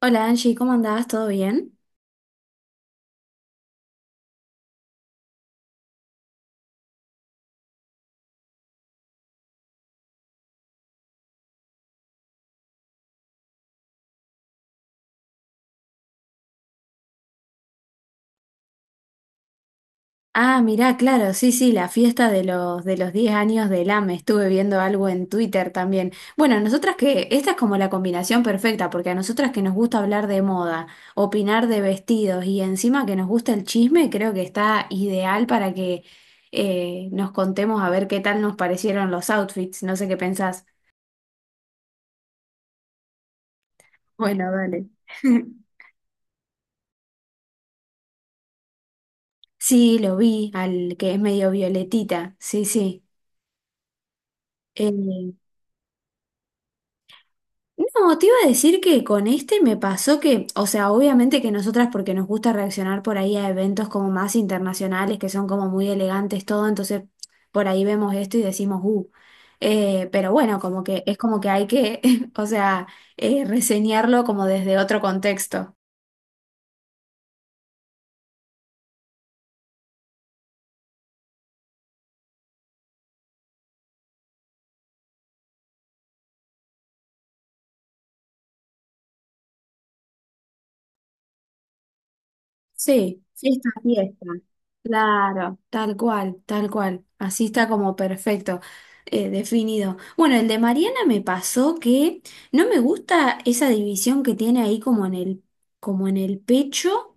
Hola Angie, ¿cómo andabas? ¿Todo bien? Ah, mirá, claro, sí, sí, la fiesta de los 10 años del AME. Estuve viendo algo en Twitter también. Bueno, nosotras que, esta es como la combinación perfecta, porque a nosotras que nos gusta hablar de moda, opinar de vestidos y encima que nos gusta el chisme, creo que está ideal para que nos contemos a ver qué tal nos parecieron los outfits. No sé qué pensás. Bueno, dale. Sí, lo vi, al que es medio violetita. Sí, sí. Eh, No, te iba a decir que con este me pasó que, o sea, obviamente que nosotras porque nos gusta reaccionar por ahí a eventos como más internacionales, que son como muy elegantes todo, entonces por ahí vemos esto y decimos, pero bueno, como que es como que hay que, o sea, reseñarlo como desde otro contexto. Sí, fiesta, fiesta. Claro, tal cual, tal cual. Así está como perfecto, definido. Bueno, el de Mariana me pasó que no me gusta esa división que tiene ahí como en el pecho.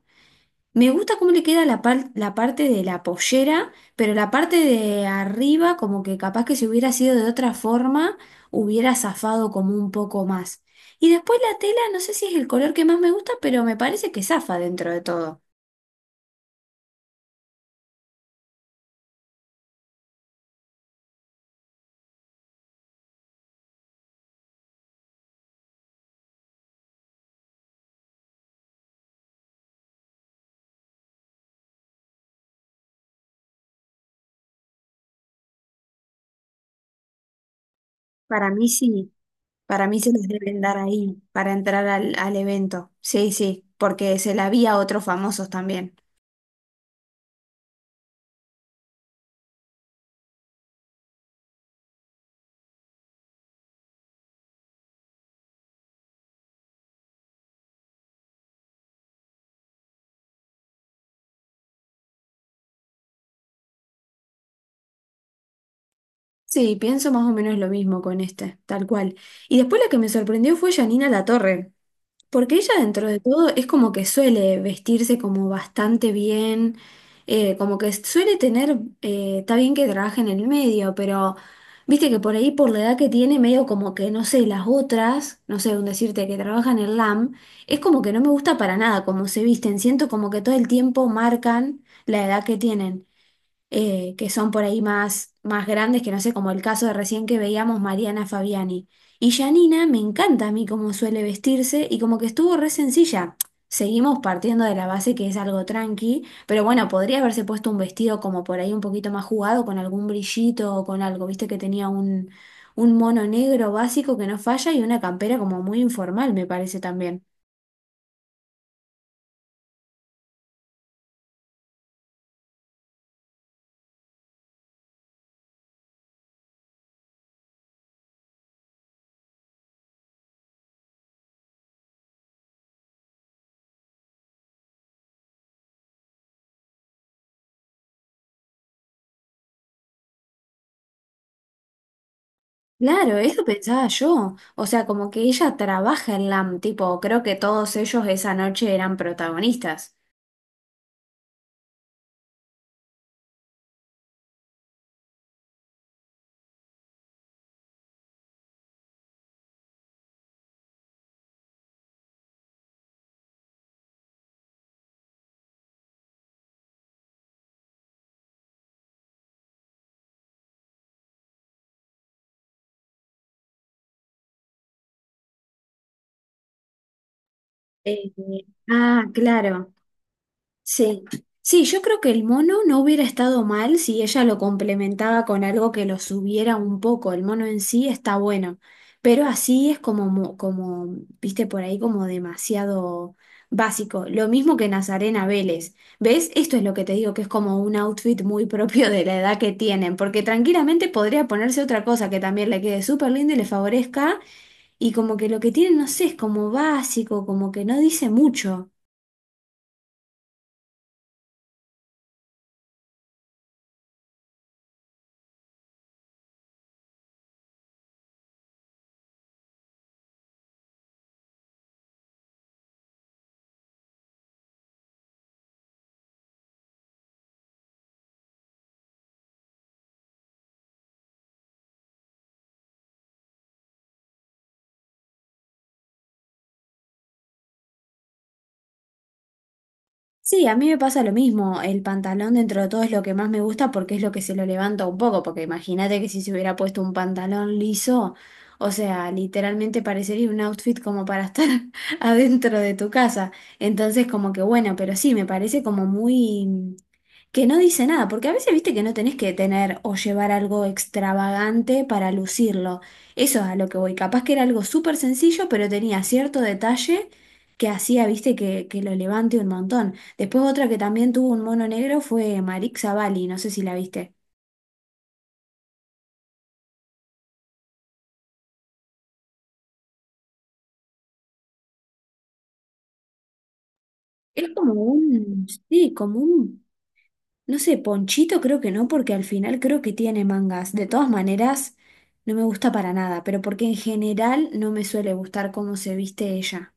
Me gusta cómo le queda la parte de la pollera, pero la parte de arriba, como que capaz que si hubiera sido de otra forma, hubiera zafado como un poco más. Y después la tela, no sé si es el color que más me gusta, pero me parece que zafa dentro de todo. Para mí sí, para mí se les deben dar ahí para entrar al, al evento. Sí, sí, porque se la vi a otros famosos también. Sí, pienso más o menos lo mismo con este, tal cual. Y después la que me sorprendió fue Janina Latorre. Porque ella dentro de todo es como que suele vestirse como bastante bien, como que suele tener, está bien que trabaje en el medio, pero viste que por ahí por la edad que tiene, medio como que, no sé, las otras, no sé, un decirte que trabajan en el LAM, es como que no me gusta para nada cómo se visten, siento como que todo el tiempo marcan la edad que tienen que son por ahí más, más grandes, que no sé, como el caso de recién que veíamos Mariana Fabiani. Y Janina me encanta a mí cómo suele vestirse y como que estuvo re sencilla. Seguimos partiendo de la base que es algo tranqui, pero bueno, podría haberse puesto un vestido como por ahí un poquito más jugado, con algún brillito o con algo, viste que tenía un mono negro básico que no falla y una campera como muy informal, me parece también. Claro, eso pensaba yo. O sea, como que ella trabaja en LAM, tipo, creo que todos ellos esa noche eran protagonistas. Eh, ah, claro. Sí, sí, yo creo que el mono no hubiera estado mal si ella lo complementaba con algo que lo subiera un poco. El mono en sí está bueno, pero así es como, como, viste por ahí, como demasiado básico. Lo mismo que Nazarena Vélez. ¿Ves? Esto es lo que te digo, que es como un outfit muy propio de la edad que tienen, porque tranquilamente podría ponerse otra cosa que también le quede súper linda y le favorezca, y como que lo que tienen, no sé, es como básico, como que no dice mucho. Sí, a mí me pasa lo mismo. El pantalón dentro de todo es lo que más me gusta porque es lo que se lo levanta un poco. Porque imagínate que si se hubiera puesto un pantalón liso, o sea, literalmente parecería un outfit como para estar adentro de tu casa. Entonces, como que bueno, pero sí, me parece como muy que no dice nada. Porque a veces viste que no tenés que tener o llevar algo extravagante para lucirlo. Eso es a lo que voy. Capaz que era algo súper sencillo, pero tenía cierto detalle que hacía, viste, que lo levante un montón. Después otra que también tuvo un mono negro fue Marik Zavalli, no sé si la viste. Es como un, sí, como un, no sé, ponchito creo que no, porque al final creo que tiene mangas. De todas maneras, no me gusta para nada, pero porque en general no me suele gustar cómo se viste ella.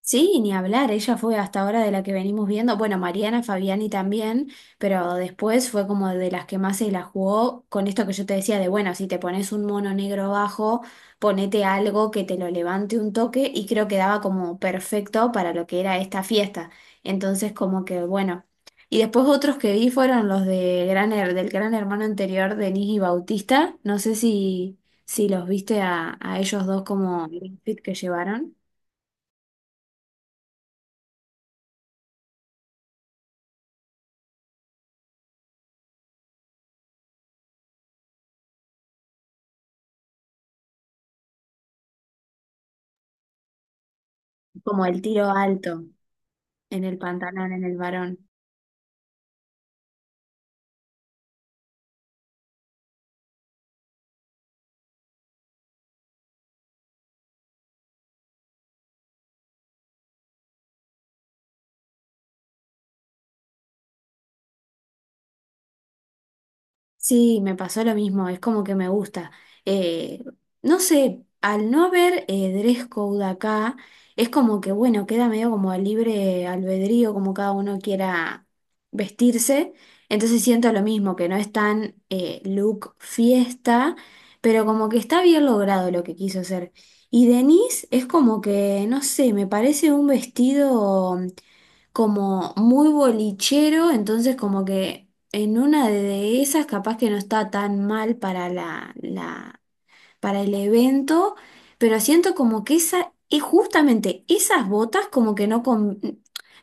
Sí, ni hablar, ella fue hasta ahora de la que venimos viendo, bueno, Mariana Fabiani también, pero después fue como de las que más se la jugó con esto que yo te decía de, bueno, si te pones un mono negro bajo, ponete algo que te lo levante un toque y creo que daba como perfecto para lo que era esta fiesta. Entonces como que, bueno, y después otros que vi fueron los de del gran hermano anterior, Denis y Bautista, no sé si, si los viste a ellos dos como el outfit que llevaron. Como el tiro alto en el pantalón, en el varón. Sí, me pasó lo mismo, es como que me gusta. Eh, no sé, al no haber dress code acá, es como que, bueno, queda medio como a libre albedrío, como cada uno quiera vestirse. Entonces siento lo mismo, que no es tan look fiesta, pero como que está bien logrado lo que quiso hacer. Y Denise es como que, no sé, me parece un vestido como muy bolichero, entonces como que en una de esas capaz que no está tan mal para para el evento, pero siento como que esa, es justamente esas botas como que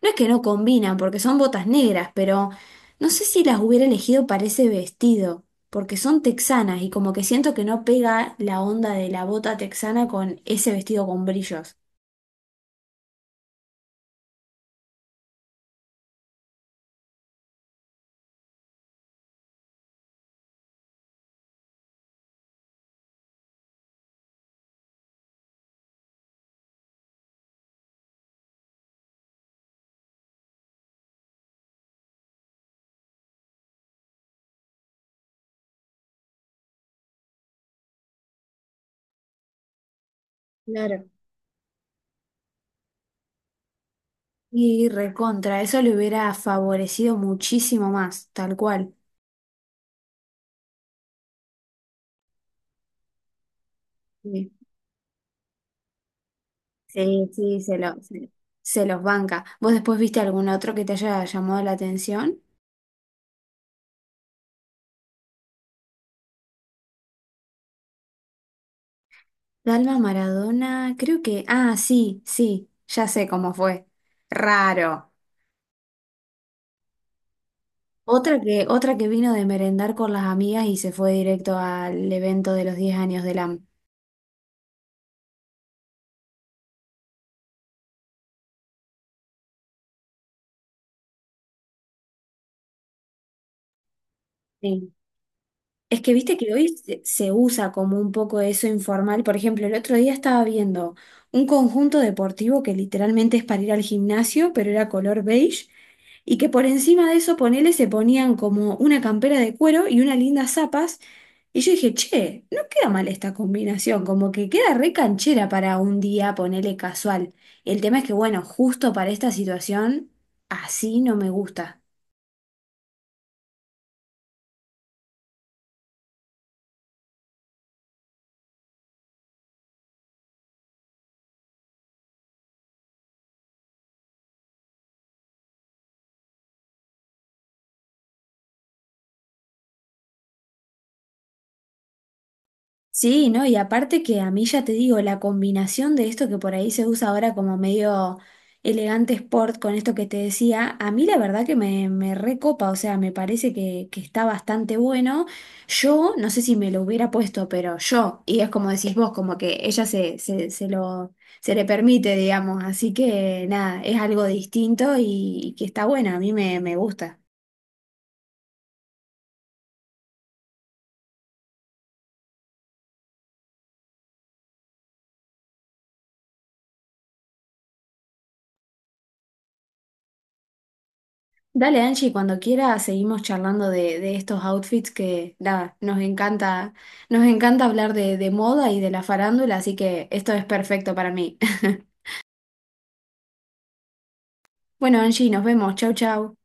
no es que no combinan, porque son botas negras, pero no sé si las hubiera elegido para ese vestido. Porque son texanas y como que siento que no pega la onda de la bota texana con ese vestido con brillos. Y recontra, eso le hubiera favorecido muchísimo más, tal cual. Sí, sí, sí, se lo, se los banca. ¿Vos después viste algún otro que te haya llamado la atención? Dalma Maradona, creo que, ah, sí, sí, ya sé cómo fue. Raro. Otra que vino de merendar con las amigas y se fue directo al evento de los 10 años del AM. Es que viste que hoy se usa como un poco eso informal. Por ejemplo, el otro día estaba viendo un conjunto deportivo que literalmente es para ir al gimnasio, pero era color beige, y que por encima de eso, ponele, se ponían como una campera de cuero y unas lindas zapas. Y yo dije, che, no queda mal esta combinación, como que queda re canchera para un día, ponele casual. El tema es que, bueno, justo para esta situación, así no me gusta. Sí, ¿no? Y aparte que a mí ya te digo, la combinación de esto que por ahí se usa ahora como medio elegante sport con esto que te decía, a mí la verdad que me recopa, o sea, me parece que está bastante bueno. Yo, no sé si me lo hubiera puesto, pero yo, y es como decís vos, como que ella se, se, se lo, se le permite, digamos, así que nada, es algo distinto y que está bueno, a mí me, me gusta. Dale, Angie, cuando quiera seguimos charlando de estos outfits que nada, nos encanta hablar de moda y de la farándula, así que esto es perfecto para mí. Bueno, Angie, nos vemos. Chau, chau.